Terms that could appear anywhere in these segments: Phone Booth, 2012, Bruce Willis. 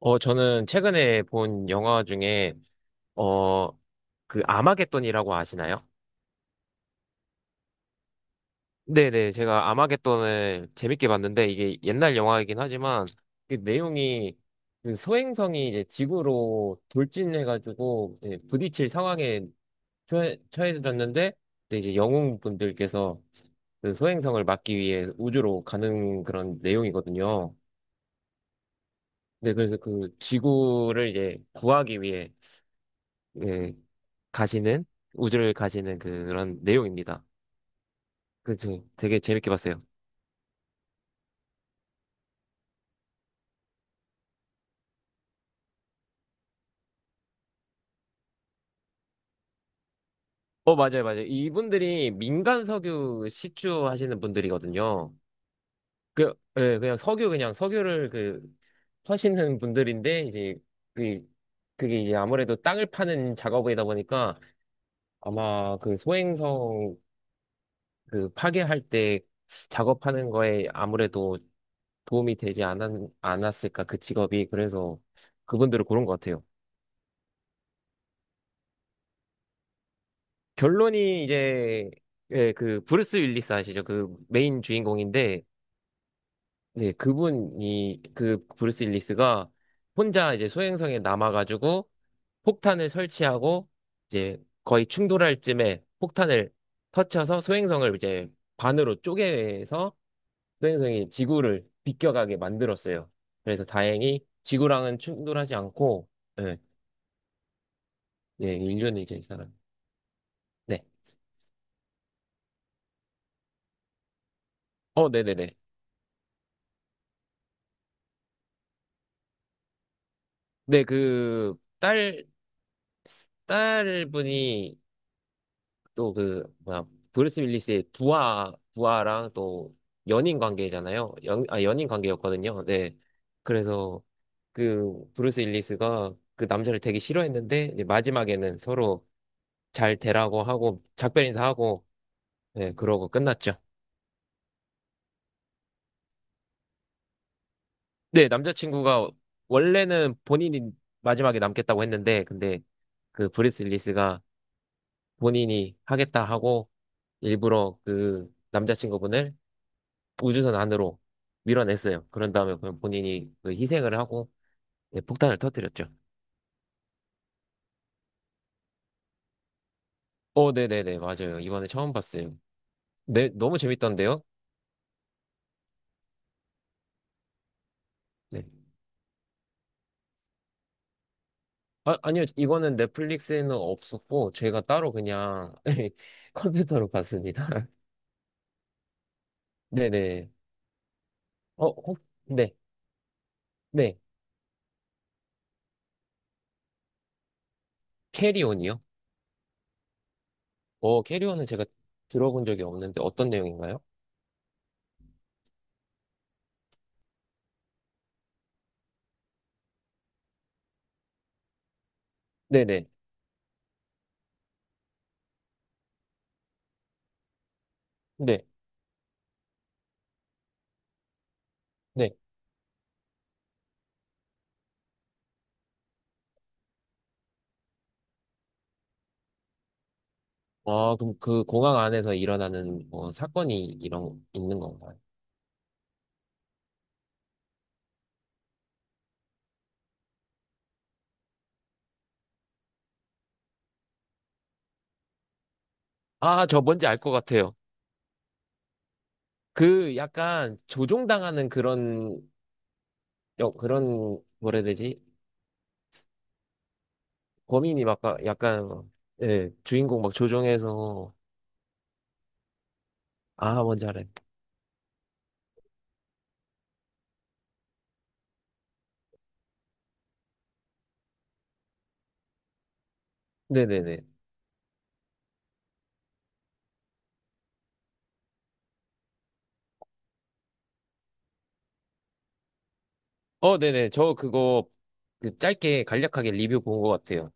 저는 최근에 본 영화 중에, 어, 아마겟돈이라고 아시나요? 네네, 제가 아마겟돈을 재밌게 봤는데, 이게 옛날 영화이긴 하지만, 그 내용이, 그 소행성이 이제 지구로 돌진해가지고, 이제 부딪힐 상황에 처해졌는데, 근데 이제 영웅분들께서 그 소행성을 막기 위해 우주로 가는 그런 내용이거든요. 네, 그래서 그 지구를 이제 구하기 위해 예, 가시는 우주를 가시는 그런 내용입니다. 그렇죠, 되게 재밌게 봤어요. 어, 맞아요, 맞아요. 이분들이 민간 석유 시추 하시는 분들이거든요. 그, 예, 그냥 석유를 그, 하시는 분들인데, 이제, 그, 그게 이제 아무래도 땅을 파는 작업이다 보니까 아마 그 소행성 그 파괴할 때 작업하는 거에 아무래도 도움이 되지 않았, 않았을까, 그 직업이. 그래서 그분들을 고른 것 같아요. 결론이 이제 예, 그 브루스 윌리스 아시죠? 그 메인 주인공인데 네, 그분이 그 브루스 윌리스가 혼자 이제 소행성에 남아가지고 폭탄을 설치하고 이제 거의 충돌할 쯤에 폭탄을 터쳐서 소행성을 이제 반으로 쪼개서 소행성이 지구를 비껴가게 만들었어요. 그래서 다행히 지구랑은 충돌하지 않고 예, 예, 인류는 이제 이 사람. 네. 어, 네네네. 네, 딸분이 또 그 뭐야 브루스 윌리스의 부하랑 또 연인 관계잖아요. 연, 아 연인 관계였거든요. 네. 그래서 그 브루스 윌리스가 그 남자를 되게 싫어했는데 이제 마지막에는 서로 잘 되라고 하고 작별 인사하고 네, 그러고 끝났죠. 네, 남자친구가 원래는 본인이 마지막에 남겠다고 했는데 근데 그 브루스 윌리스가 본인이 하겠다 하고 일부러 그 남자친구분을 우주선 안으로 밀어냈어요. 그런 다음에 그냥 본인이 그 희생을 하고 네, 폭탄을 터뜨렸죠. 어, 네네네, 맞아요. 이번에 처음 봤어요. 네, 너무 재밌던데요? 네. 아, 아니요, 이거는 넷플릭스에는 없었고, 저희가 따로 그냥 컴퓨터로 봤습니다. 네네. 어, 혹, 네, 네. 캐리온이요? 어, 캐리온은 제가 들어본 적이 없는데 어떤 내용인가요? 네네. 네, 네. 아, 그럼 그 공항 안에서 일어나는 뭐 사건이 이런, 있는 건가요? 아, 저 뭔지 알 것 같아요. 그 약간 조종당하는 그런, 여, 그런, 뭐라 해야 되지? 약간, 예, 주인공 막 조종해서, 아, 뭔지 알아요. 네네네. 네네. 그 짧게 간략하게 리뷰 본 것 같아요.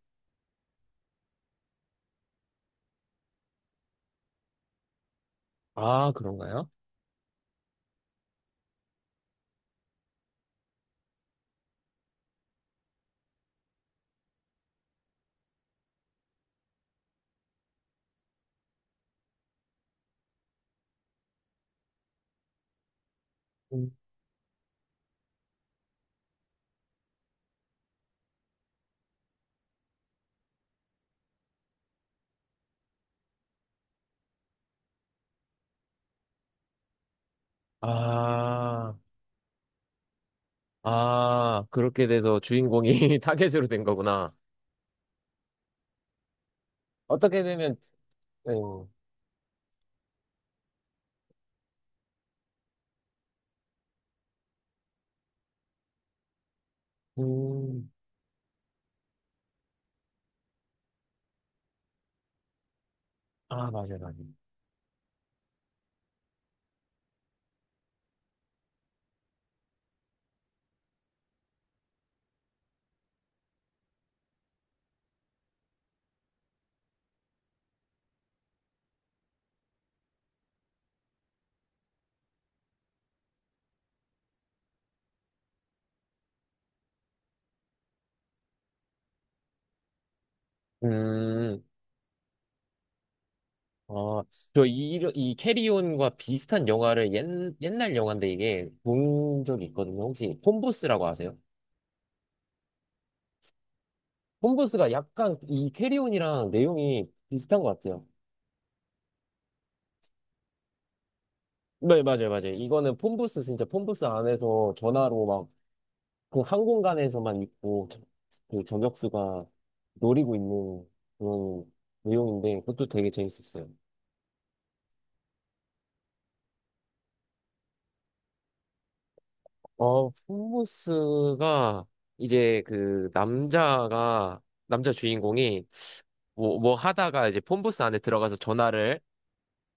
아, 그런가요? 음. 아, 아, 그렇게 돼서 주인공이 타겟으로 된 거구나. 어떻게 되면, 예. 음, 아, 맞아요, 맞아요. 음, 아, 이 캐리온과 비슷한 영화를 옛날 영화인데 이게 본 적이 있거든요. 혹시 폰부스라고 아세요? 폰부스가 약간 이 캐리온이랑 내용이 비슷한 것 같아요. 네, 맞아요, 맞아요. 진짜 폰부스 안에서 전화로 막 그 항공간에서만 있고 저- 그 저격수가 노리고 있는 그런 내용인데 그것도 되게 재밌었어요. 어, 홈모스가 이제 남자 주인공이 뭐 하다가 이제 폰부스 안에 들어가서 전화를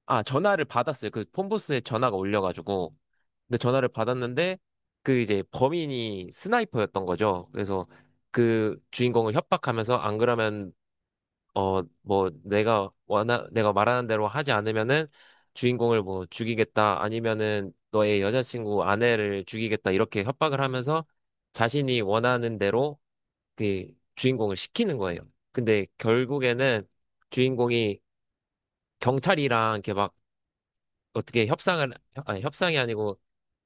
아 전화를 받았어요. 그 폰부스에 전화가 올려가지고 근데 전화를 받았는데 그 이제 범인이 스나이퍼였던 거죠. 그래서 그 주인공을 협박하면서 안 그러면 어, 뭐, 내가 말하는 대로 하지 않으면은 주인공을 뭐 죽이겠다, 아니면은 너의 여자친구 아내를 죽이겠다, 이렇게 협박을 하면서 자신이 원하는 대로 그 주인공을 시키는 거예요. 근데 결국에는 주인공이 경찰이랑 이렇게 막 어떻게 협상을, 협- 아니, 협상이 아니고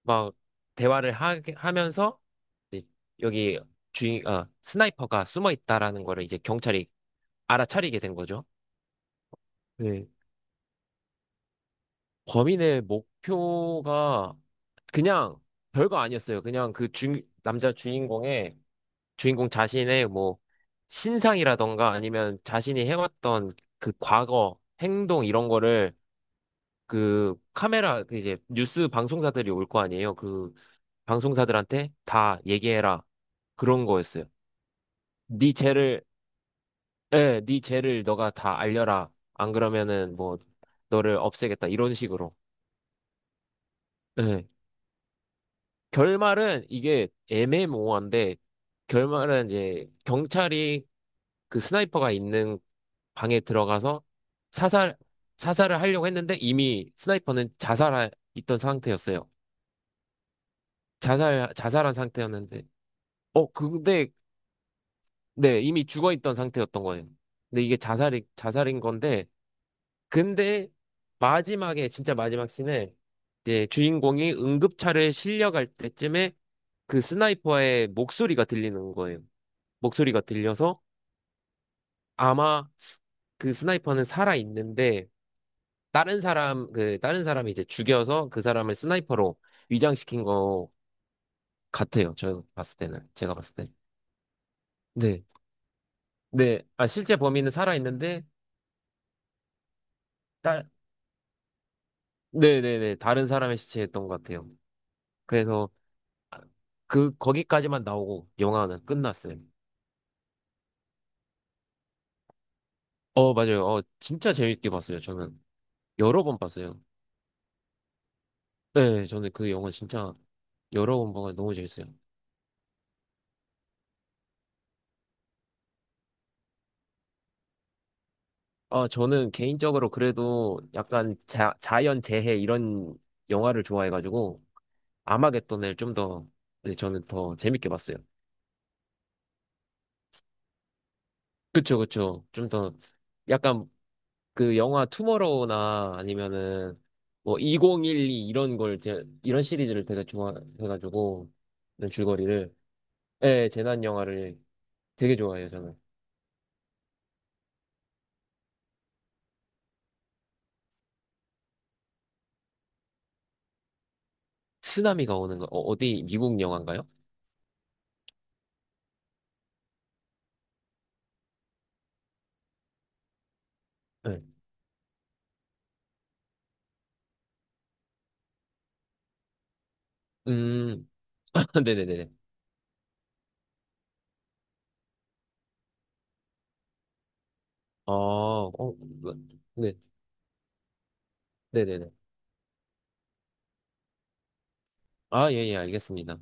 막 하면서 이제 여기 스나이퍼가 숨어 있다라는 거를 이제 경찰이 알아차리게 된 거죠. 범인의 목표가 그냥 별거 아니었어요. 남자 주인공의 주인공 자신의 뭐 신상이라던가 아니면 자신이 해왔던 그 과거 행동 이런 거를 그 카메라 그 이제 뉴스 방송사들이 올 거 아니에요. 그 방송사들한테 다 얘기해라 그런 거였어요. 네 죄를 예, 네 죄를 너가 다 알려라. 안 그러면은 뭐 너를 없애겠다 이런 식으로. 예. 결말은 이게 애매모호한데 결말은 이제 경찰이 그 스나이퍼가 있는 방에 들어가서 사살 사살을 하려고 했는데 이미 스나이퍼는 자살하 있던 상태였어요. 자살한 상태였는데 어 근데 네 이미 죽어 있던 상태였던 거예요. 근데 이게 자살이 자살인 건데 근데 마지막 씬에 이제 주인공이 응급차를 실려갈 때쯤에 그 스나이퍼의 목소리가 들리는 거예요. 목소리가 들려서 아마 그 스나이퍼는 살아 있는데 다른 사람 그 다른 사람이 이제 죽여서 그 사람을 스나이퍼로 위장시킨 거 같아요. 저 봤을 때는 제가 봤을 때. 네. 네. 아 실제 범인은 살아 있는데 딸 네, 네, 네. 다른 사람의 시체였던 것 같아요. 그래서 그 거기까지만 나오고 영화는 끝났어요. 어, 맞아요. 어, 진짜 재밌게 봤어요. 저는 여러 번 봤어요. 네, 저는 그 영화 진짜 여러 번 보고 너무 재밌어요. 아, 저는 개인적으로 그래도 약간 자연 재해 이런 영화를 좋아해가지고 아마겟돈을 좀 더, 네, 저는 더 재밌게 봤어요. 그쵸, 그쵸. 좀 더 약간 그 영화 투머로우나 아니면은 뭐 2012 이런 걸, 제, 이런 시리즈를 되게 좋아해가지고 이런 줄거리를, 예, 재난 영화를 되게 좋아해요, 저는. 쓰나미가 오는 거, 어, 어디 미국 영화인가요? 네. 음, 네네네네. 아, 어, 네. 네네네. 아, 예, 예, 알겠습니다.